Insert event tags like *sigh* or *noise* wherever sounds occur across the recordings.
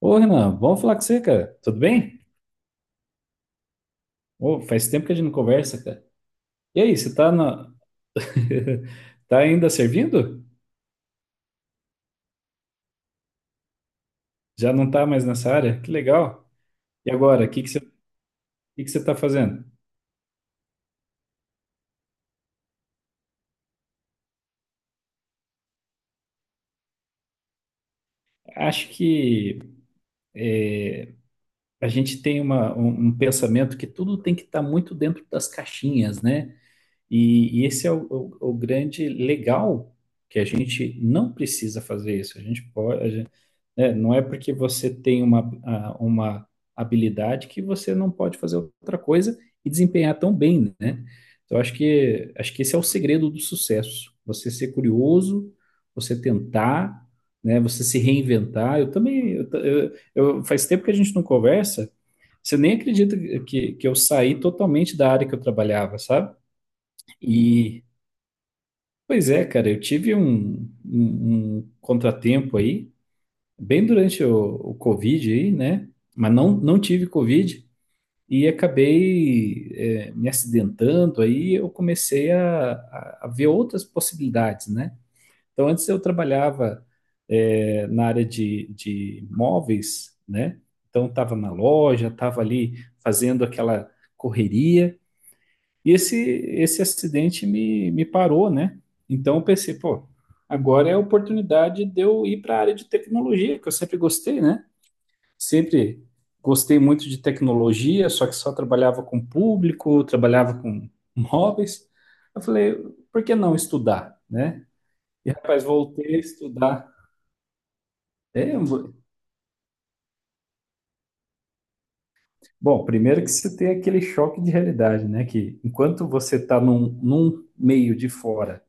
Ô, Renan, bom falar com você, cara. Tudo bem? Ô, faz tempo que a gente não conversa, cara. E aí, *laughs* tá ainda servindo? Já não tá mais nessa área? Que legal. E agora, o que que você tá fazendo? Acho que a gente tem um pensamento que tudo tem que estar muito dentro das caixinhas, né? E esse é o grande legal que a gente não precisa fazer isso. A gente pode, né? Não é porque você tem uma habilidade que você não pode fazer outra coisa e desempenhar tão bem, né? Então, acho que esse é o segredo do sucesso. Você ser curioso, você tentar, né? Você se reinventar. Eu também, eu, ta- eu- faz tempo que a gente não conversa. Você nem acredita que eu saí totalmente da área que eu trabalhava, sabe? E, pois é, cara, eu tive um contratempo aí bem durante o Covid aí, né? Mas não, não tive Covid e acabei, me acidentando, aí eu comecei a ver outras possibilidades, né? Então, antes eu trabalhava, na área de móveis, né? Então, estava na loja, estava ali fazendo aquela correria, e esse acidente me parou, né? Então, eu pensei, pô, agora é a oportunidade de eu ir para a área de tecnologia, que eu sempre gostei, né? Sempre gostei muito de tecnologia, só que só trabalhava com público, trabalhava com móveis. Eu falei, por que não estudar, né? E, rapaz, voltei a estudar. É, bom, primeiro que você tem aquele choque de realidade, né? Que enquanto você está num meio de fora,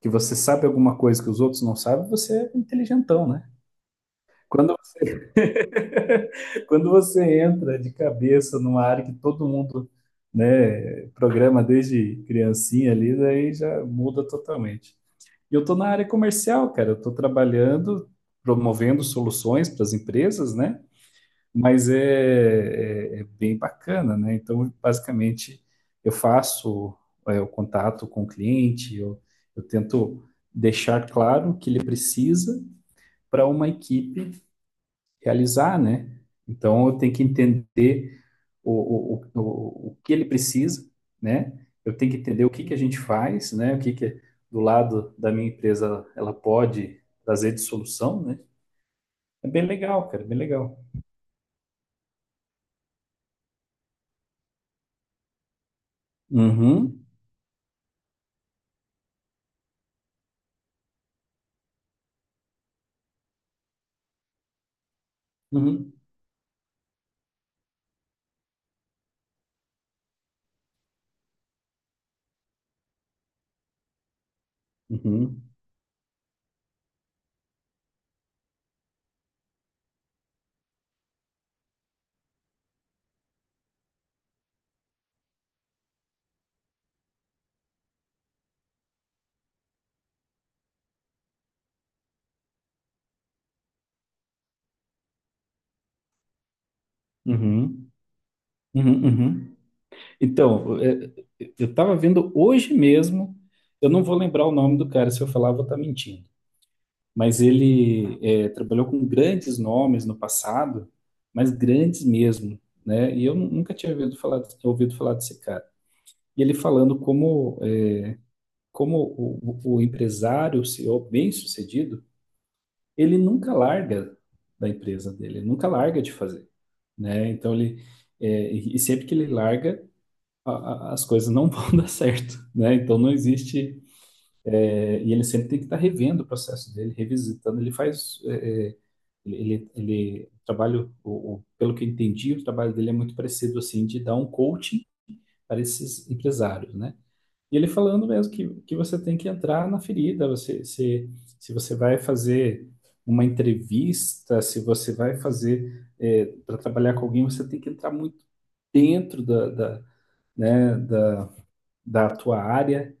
que você sabe alguma coisa que os outros não sabem, você é inteligentão, né? Quando *laughs* quando você entra de cabeça numa área que todo mundo, né, programa desde criancinha ali, daí já muda totalmente. E eu estou na área comercial, cara. Eu estou trabalhando, promovendo soluções para as empresas, né? Mas é, é bem bacana, né? Então, basicamente, eu faço, o contato com o cliente, eu tento deixar claro o que ele precisa para uma equipe realizar, né? Então, eu tenho que entender o que ele precisa, né? Eu tenho que entender o que que a gente faz, né? O que que do lado da minha empresa ela pode trazer de solução, né? É bem legal, cara, bem legal. Uhum, uhum, uhum, uhum, uhum, uhum. Então, eu estava vendo hoje mesmo, eu não vou lembrar o nome do cara, se eu falar, eu vou estar mentindo. Mas ele, trabalhou com grandes nomes no passado, mas grandes mesmo, né? E eu nunca tinha ouvido falar desse cara. E ele falando como o empresário, o CEO bem-sucedido, ele nunca larga da empresa dele, ele nunca larga de fazer, né? Então ele, e sempre que ele larga, as coisas não *laughs* vão dar certo, né? Então não existe. É, e ele sempre tem que estar revendo o processo dele, revisitando. Ele faz, o trabalho, pelo que eu entendi, o trabalho dele é muito parecido assim, de dar um coaching para esses empresários, né? E ele falando mesmo que você tem que entrar na ferida. Você, se você vai fazer uma entrevista, se você vai fazer, para trabalhar com alguém, você tem que entrar muito dentro da, né, da tua área,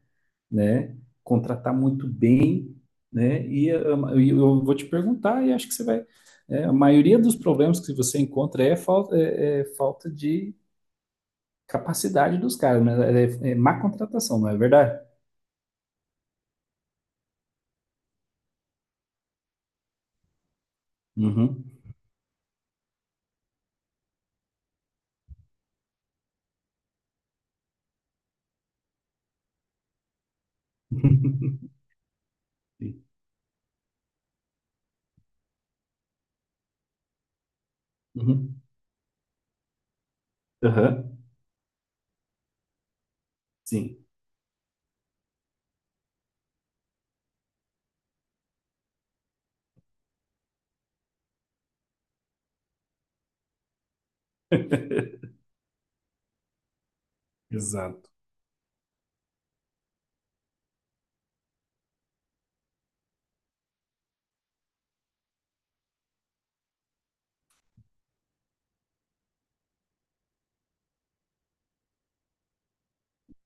né? Contratar muito bem, né? E e eu vou te perguntar, e acho que você vai. A maioria dos problemas que você encontra é falta de capacidade dos caras, né? É, é má contratação, não é verdade? Uhum. *laughs* Sim. Uhum. Aham. Sim. *laughs* Exato.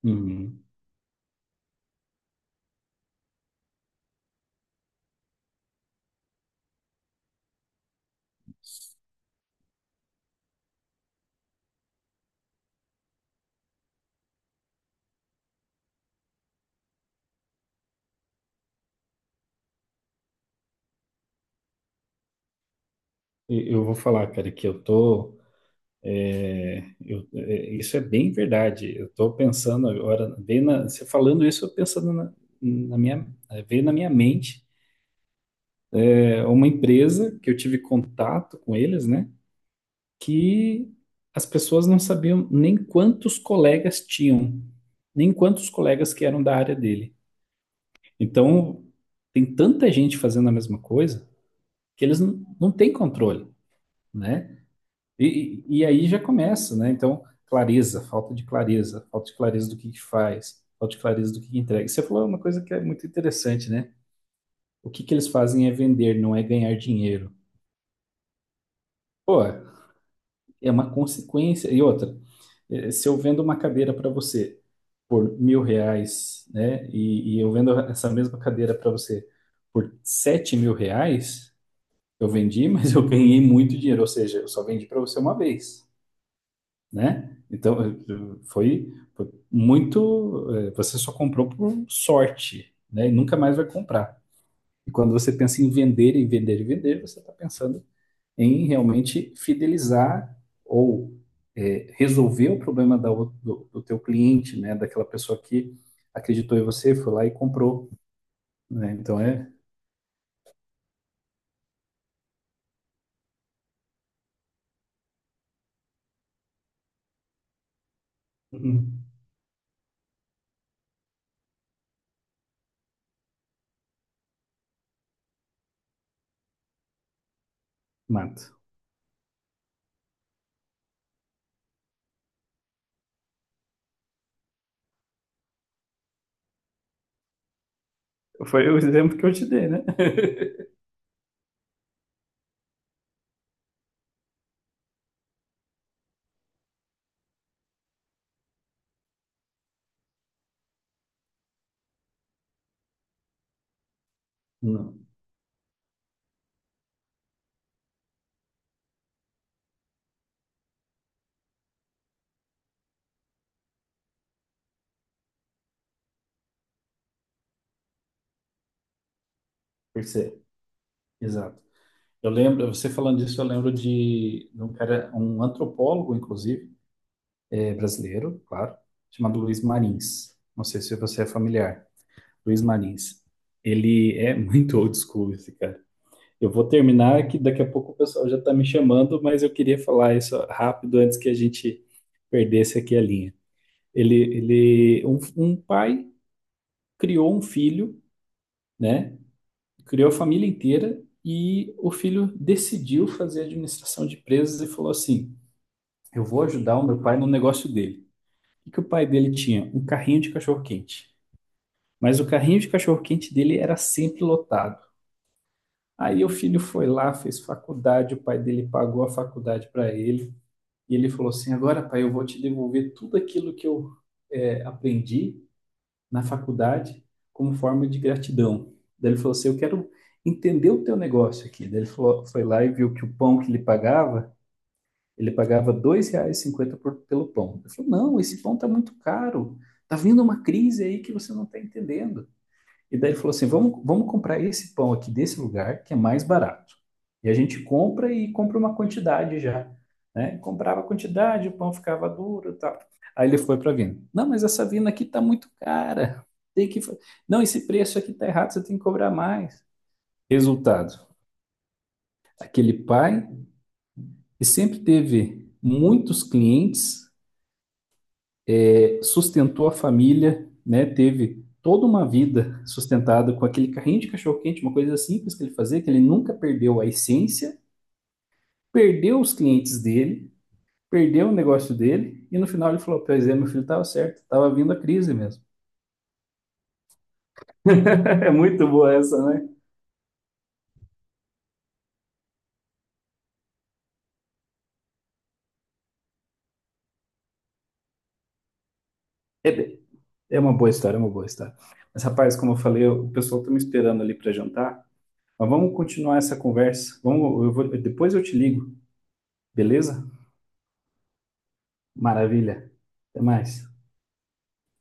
Uhum. Eu vou falar, cara, que eu tô. É, isso é bem verdade. Eu estou pensando agora, você falando isso, eu pensando na minha, veio na minha mente, uma empresa que eu tive contato com eles, né? Que as pessoas não sabiam nem quantos colegas tinham, nem quantos colegas que eram da área dele. Então, tem tanta gente fazendo a mesma coisa que eles não, não têm controle, né? E aí já começa, né? Então, clareza, falta de clareza, falta de clareza do que faz, falta de clareza do que entrega. Você falou uma coisa que é muito interessante, né? O que que eles fazem é vender, não é ganhar dinheiro. Pô, é uma consequência. E outra, se eu vendo uma cadeira para você por R$ 1.000, né? E eu vendo essa mesma cadeira para você por R$ 7.000, eu vendi, *laughs* mas eu ganhei muito dinheiro. Ou seja, eu só vendi para você uma vez, né? Então, foi muito. Você só comprou por sorte, né? E nunca mais vai comprar. E quando você pensa em vender e vender e vender, você está pensando em realmente fidelizar ou resolver o problema do teu cliente, né? Daquela pessoa que acreditou em você, foi lá e comprou, né? Então é. hum, Mato. Foi o exemplo que eu te dei, né? *laughs* Não, por ser. Exato. Eu lembro, você falando disso, eu lembro de um cara, um antropólogo, inclusive, brasileiro, claro, chamado Luiz Marins. Não sei se você é familiar. Luiz Marins. Ele é muito old school, esse cara. Eu vou terminar, que daqui a pouco o pessoal já está me chamando, mas eu queria falar isso rápido antes que a gente perdesse aqui a linha. Um pai criou um filho, né? Criou a família inteira e o filho decidiu fazer administração de empresas e falou assim: eu vou ajudar o meu pai no negócio dele. O que o pai dele tinha? Um carrinho de cachorro-quente. Mas o carrinho de cachorro-quente dele era sempre lotado. Aí o filho foi lá, fez faculdade, o pai dele pagou a faculdade para ele. E ele falou assim: agora, pai, eu vou te devolver tudo aquilo que eu, aprendi na faculdade como forma de gratidão. Daí ele falou assim: eu quero entender o teu negócio aqui. Daí ele falou, foi lá e viu que o pão que ele pagava. Ele pagava R$ 2,50 pelo pão. Eu falei: não, esse pão está muito caro. Está vindo uma crise aí que você não está entendendo. E daí ele falou assim: vamos comprar esse pão aqui desse lugar, que é mais barato. E a gente compra e compra uma quantidade já. Né? Comprava a quantidade, o pão ficava duro e tal. Aí ele foi para a vina. Não, mas essa vina aqui está muito cara. Tem que... Não, esse preço aqui está errado, você tem que cobrar mais. Resultado, aquele pai que sempre teve muitos clientes sustentou a família, né? Teve toda uma vida sustentada com aquele carrinho de cachorro-quente, uma coisa simples que ele fazia, que ele nunca perdeu a essência, perdeu os clientes dele, perdeu o negócio dele, e no final ele falou: pois é, meu filho estava certo, estava vindo a crise mesmo. *laughs* É muito boa essa, né? É, é uma boa história, é uma boa história. Mas, rapaz, como eu falei, o pessoal tá me esperando ali para jantar. Mas vamos continuar essa conversa. Vamos, eu vou, depois eu te ligo, beleza? Maravilha. Até mais.